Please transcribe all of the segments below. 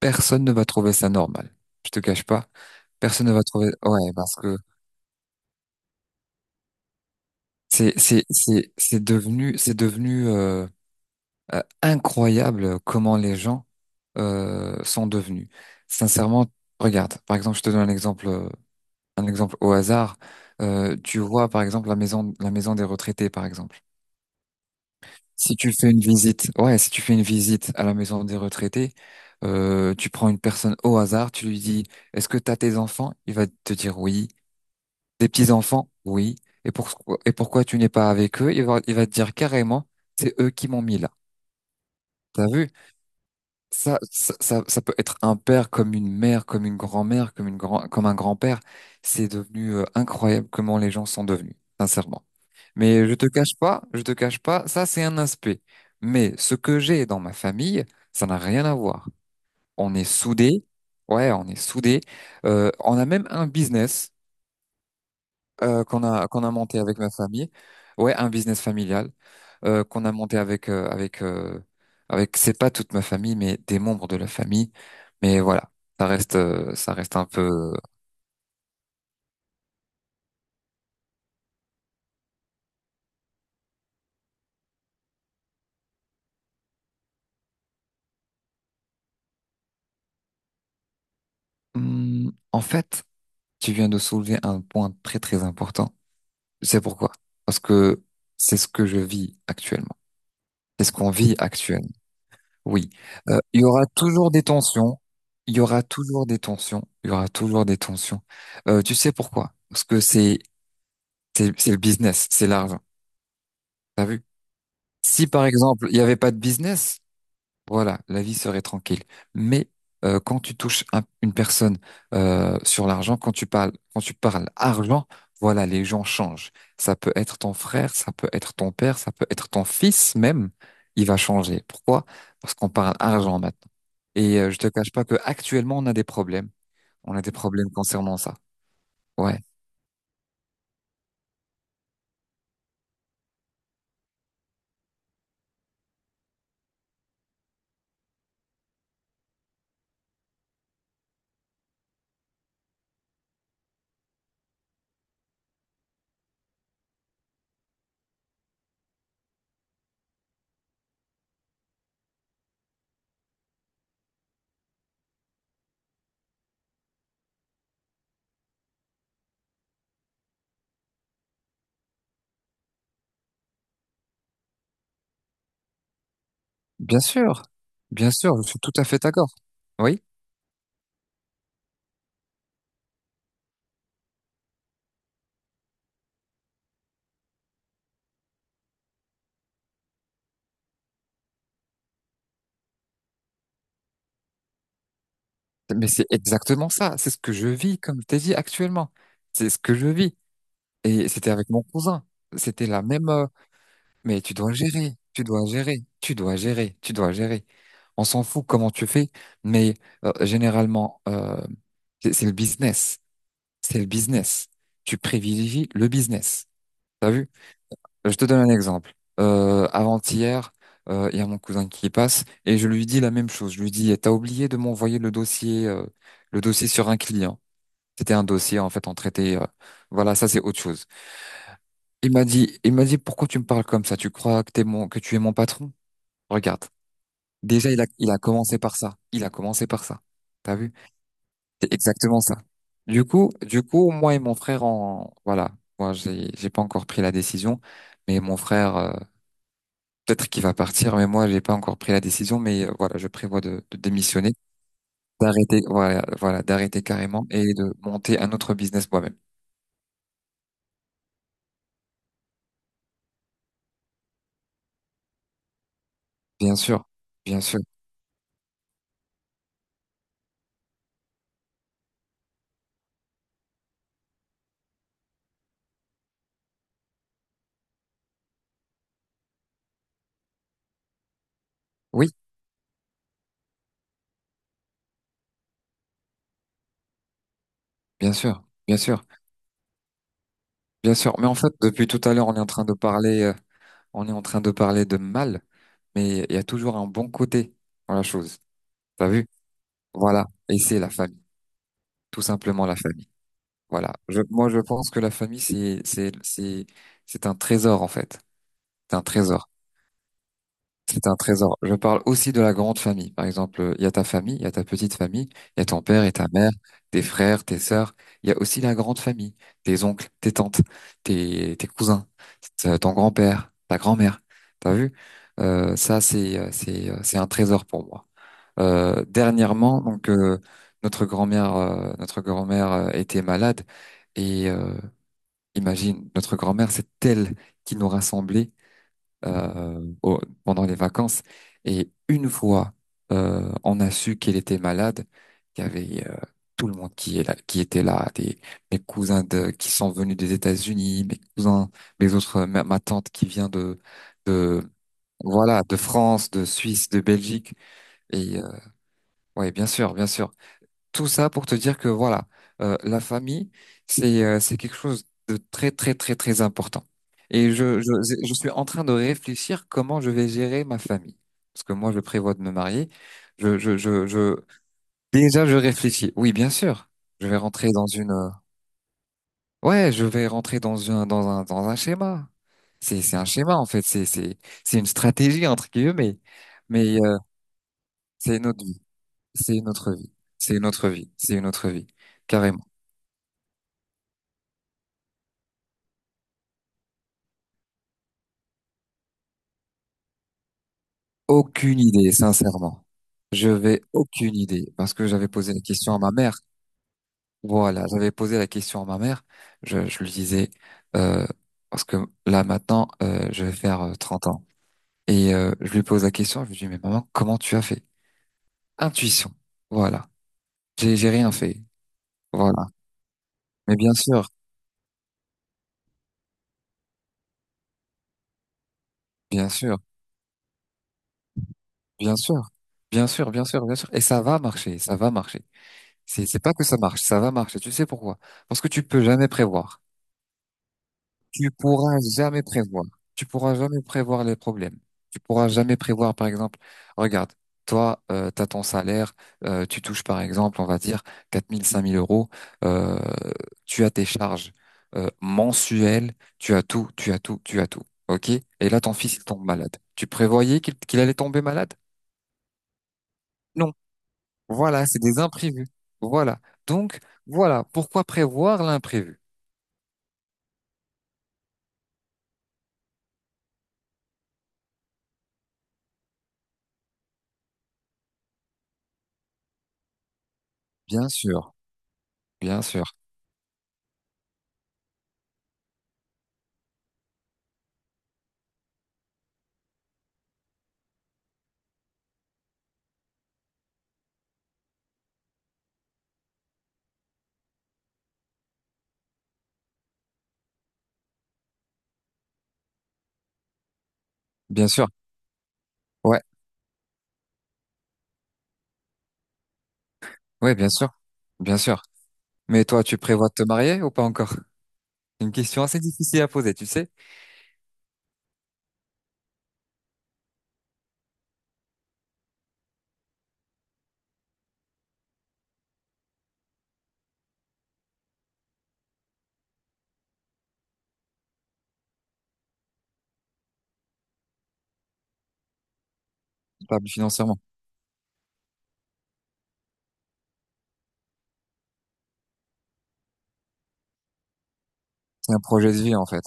Personne ne va trouver ça normal. Je te cache pas. Personne ne va trouver. Ouais, parce que c'est devenu incroyable comment les gens sont devenus. Sincèrement, regarde. Par exemple, je te donne un exemple au hasard. Tu vois, par exemple, la maison des retraités, par exemple. Si tu fais une visite, ouais, si tu fais une visite à la maison des retraités, tu prends une personne au hasard, tu lui dis, est-ce que t'as tes enfants? Il va te dire oui. Des petits-enfants, oui. Et pourquoi tu n'es pas avec eux? Il va te dire carrément, c'est eux qui m'ont mis là. T'as vu? Ça peut être un père comme une mère, comme une grand-mère, comme un grand-père. C'est devenu incroyable comment les gens sont devenus, sincèrement. Mais je te cache pas, ça c'est un aspect. Mais ce que j'ai dans ma famille, ça n'a rien à voir. On est soudés. Ouais, on est soudés. On a même un business. Qu'on a monté avec ma famille. Ouais, un business familial qu'on a monté avec c'est pas toute ma famille mais des membres de la famille. Mais voilà, ça reste un peu. En fait, tu viens de soulever un point très très important. C'est pourquoi? Parce que c'est ce que je vis actuellement. C'est ce qu'on vit actuellement. Oui. Il y aura toujours des tensions. Il y aura toujours des tensions. Il y aura toujours des tensions. Tu sais pourquoi? Parce que c'est le business, c'est l'argent. T'as vu? Si par exemple, il n'y avait pas de business, voilà, la vie serait tranquille. Mais quand tu touches une personne sur l'argent, quand tu parles argent, voilà, les gens changent. Ça peut être ton frère, ça peut être ton père, ça peut être ton fils même. Il va changer. Pourquoi? Parce qu'on parle argent maintenant. Et je te cache pas que actuellement, on a des problèmes. On a des problèmes concernant ça. Ouais, bien sûr, bien sûr, je suis tout à fait d'accord. Oui. Mais c'est exactement ça. C'est ce que je vis, comme je t'ai dit actuellement. C'est ce que je vis. Et c'était avec mon cousin. C'était la même. Mais tu dois gérer, tu dois gérer, tu dois gérer, tu dois gérer. On s'en fout comment tu fais, mais généralement, c'est le business. C'est le business. Tu privilégies le business. T'as vu? Je te donne un exemple. Avant-hier, il y a mon cousin qui passe et je lui dis la même chose. Je lui dis, t'as oublié de m'envoyer le dossier sur un client. C'était un dossier, en fait, on traitait, voilà, ça c'est autre chose. Il m'a dit, pourquoi tu me parles comme ça? Tu crois que que tu es mon patron? Regarde. Déjà, il a commencé par ça. Il a commencé par ça. T'as vu? C'est exactement ça. Du coup, moi et mon frère, voilà. Moi, j'ai pas encore pris la décision, mais mon frère, peut-être qu'il va partir, mais moi, j'ai pas encore pris la décision, mais voilà, je prévois de démissionner, d'arrêter, voilà, voilà, d'arrêter carrément et de monter un autre business moi-même. Bien sûr. Bien sûr. Oui. Bien sûr, bien sûr, bien sûr, Mais en fait, depuis tout à l'heure, on est en train de parler, on est en train de parler de mal, mais il y a toujours un bon côté dans la chose. T'as vu? Voilà. Et c'est la famille, tout simplement la famille. Voilà. Je, moi, je pense que la famille, c'est un trésor en fait. C'est un trésor. C'est un trésor. Je parle aussi de la grande famille. Par exemple, il y a ta famille, il y a ta petite famille, il y a ton père et ta mère, tes frères, tes sœurs. Il y a aussi la grande famille, tes oncles, tes tantes, tes, tes cousins, t- ton grand-père, ta grand-mère. T'as vu? Ça, c'est un trésor pour moi. Dernièrement, donc, notre grand-mère était malade et imagine, notre grand-mère, c'est elle qui nous rassemblait au- pendant les vacances. Et une fois, on a su qu'elle était malade, qu'il y avait tout le monde qui est là, qui était là, des, mes cousins de, qui sont venus des États-Unis, mes cousins, mes autres, ma tante qui vient de, voilà, de France, de Suisse, de Belgique. Et ouais, bien sûr, bien sûr. Tout ça pour te dire que voilà, la famille, c'est quelque chose de très très très très important. Et je suis en train de réfléchir comment je vais gérer ma famille. Parce que moi, je prévois de me marier. Je déjà je réfléchis. Oui, bien sûr. Je vais rentrer dans une ouais, je vais rentrer dans un dans un dans un schéma. C'est un schéma en fait. C'est une stratégie entre guillemets. Mais c'est notre vie. C'est notre vie. C'est notre vie. C'est notre vie. Carrément. Aucune idée, sincèrement. Je vais aucune idée parce que j'avais posé la question à ma mère. Voilà, j'avais posé la question à ma mère. Je lui disais euh, parce que là maintenant je vais faire 30 ans et je lui pose la question. Je lui dis mais maman comment tu as fait? Intuition. Voilà. J'ai rien fait. Voilà. Mais bien sûr, bien sûr, bien sûr, bien sûr, bien sûr, bien sûr. Et ça va marcher, ça va marcher. C'est pas que ça marche, ça va marcher. Tu sais pourquoi? Parce que tu peux jamais prévoir. Tu pourras jamais prévoir. Tu pourras jamais prévoir les problèmes. Tu pourras jamais prévoir, par exemple, regarde, toi, tu as ton salaire, tu touches, par exemple, on va dire, 4 000, 5 000 euros, euh, tu as tes charges mensuelles, tu as tout, tu as tout, tu as tout. OK? Et là, ton fils, il tombe malade. Tu prévoyais qu'il allait tomber malade? Non. Voilà, c'est des imprévus. Voilà. Donc, voilà, pourquoi prévoir l'imprévu? Bien sûr, bien sûr, bien sûr. Ouais. Oui, bien sûr, bien sûr. Mais toi, tu prévois de te marier ou pas encore? C'est une question assez difficile à poser, tu sais, stable financièrement. C'est un projet de vie, en fait.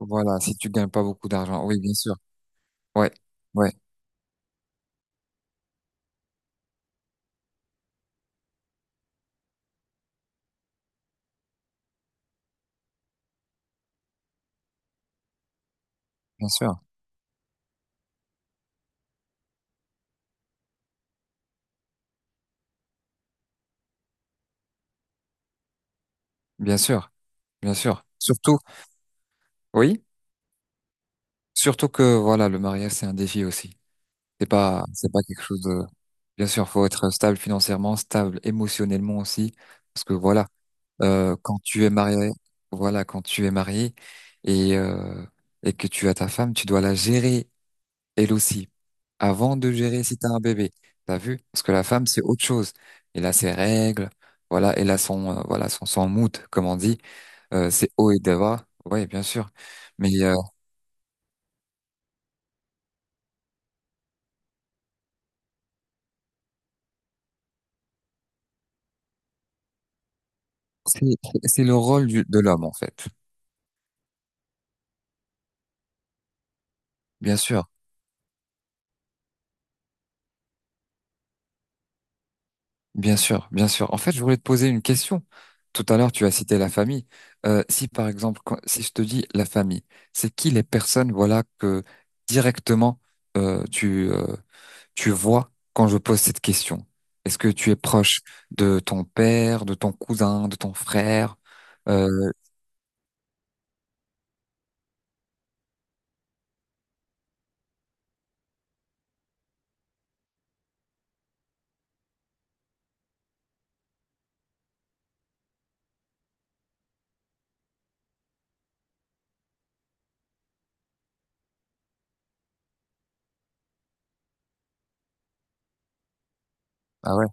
Voilà, si tu gagnes pas beaucoup d'argent. Oui, bien sûr. Ouais, ouais, bien sûr, bien sûr, bien sûr. Surtout, oui, surtout que, voilà, le mariage, c'est un défi aussi. C'est pas quelque chose de, bien sûr, faut être stable financièrement, stable émotionnellement aussi. Parce que voilà, quand tu es marié, voilà, quand tu es marié et, euh, et que tu as ta femme, tu dois la gérer elle aussi, avant de gérer si t'as un bébé. T'as vu? Parce que la femme, c'est autre chose. Elle a ses règles, voilà, elle a son mood, comme on dit. C'est haut et bas, ouais, bien sûr. Mais c'est c'est le rôle de l'homme, en fait. Bien sûr, bien sûr, bien sûr. En fait, je voulais te poser une question. Tout à l'heure, tu as cité la famille. Si, par exemple, si je te dis la famille, c'est qui les personnes, voilà, que directement euh, tu, euh, tu vois quand je pose cette question? Est-ce que tu es proche de ton père, de ton cousin, de ton frère? Euh, ah ouais.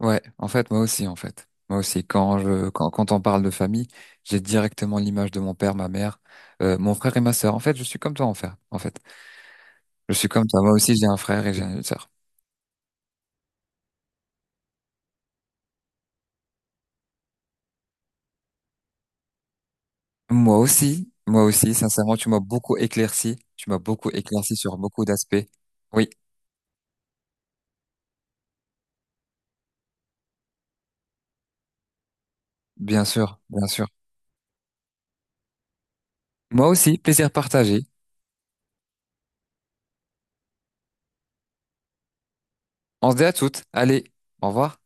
Ouais, en fait, moi aussi, en fait. Moi aussi, quand on parle de famille, j'ai directement l'image de mon père, ma mère, mon frère et ma sœur. En fait, je suis comme toi, en fait. En fait, je suis comme toi. Moi aussi, j'ai un frère et j'ai une sœur. Moi aussi, sincèrement, tu m'as beaucoup éclairci. Tu m'as beaucoup éclairci sur beaucoup d'aspects. Oui, bien sûr, bien sûr. Moi aussi, plaisir partagé. On se dit à toutes. Allez, au revoir.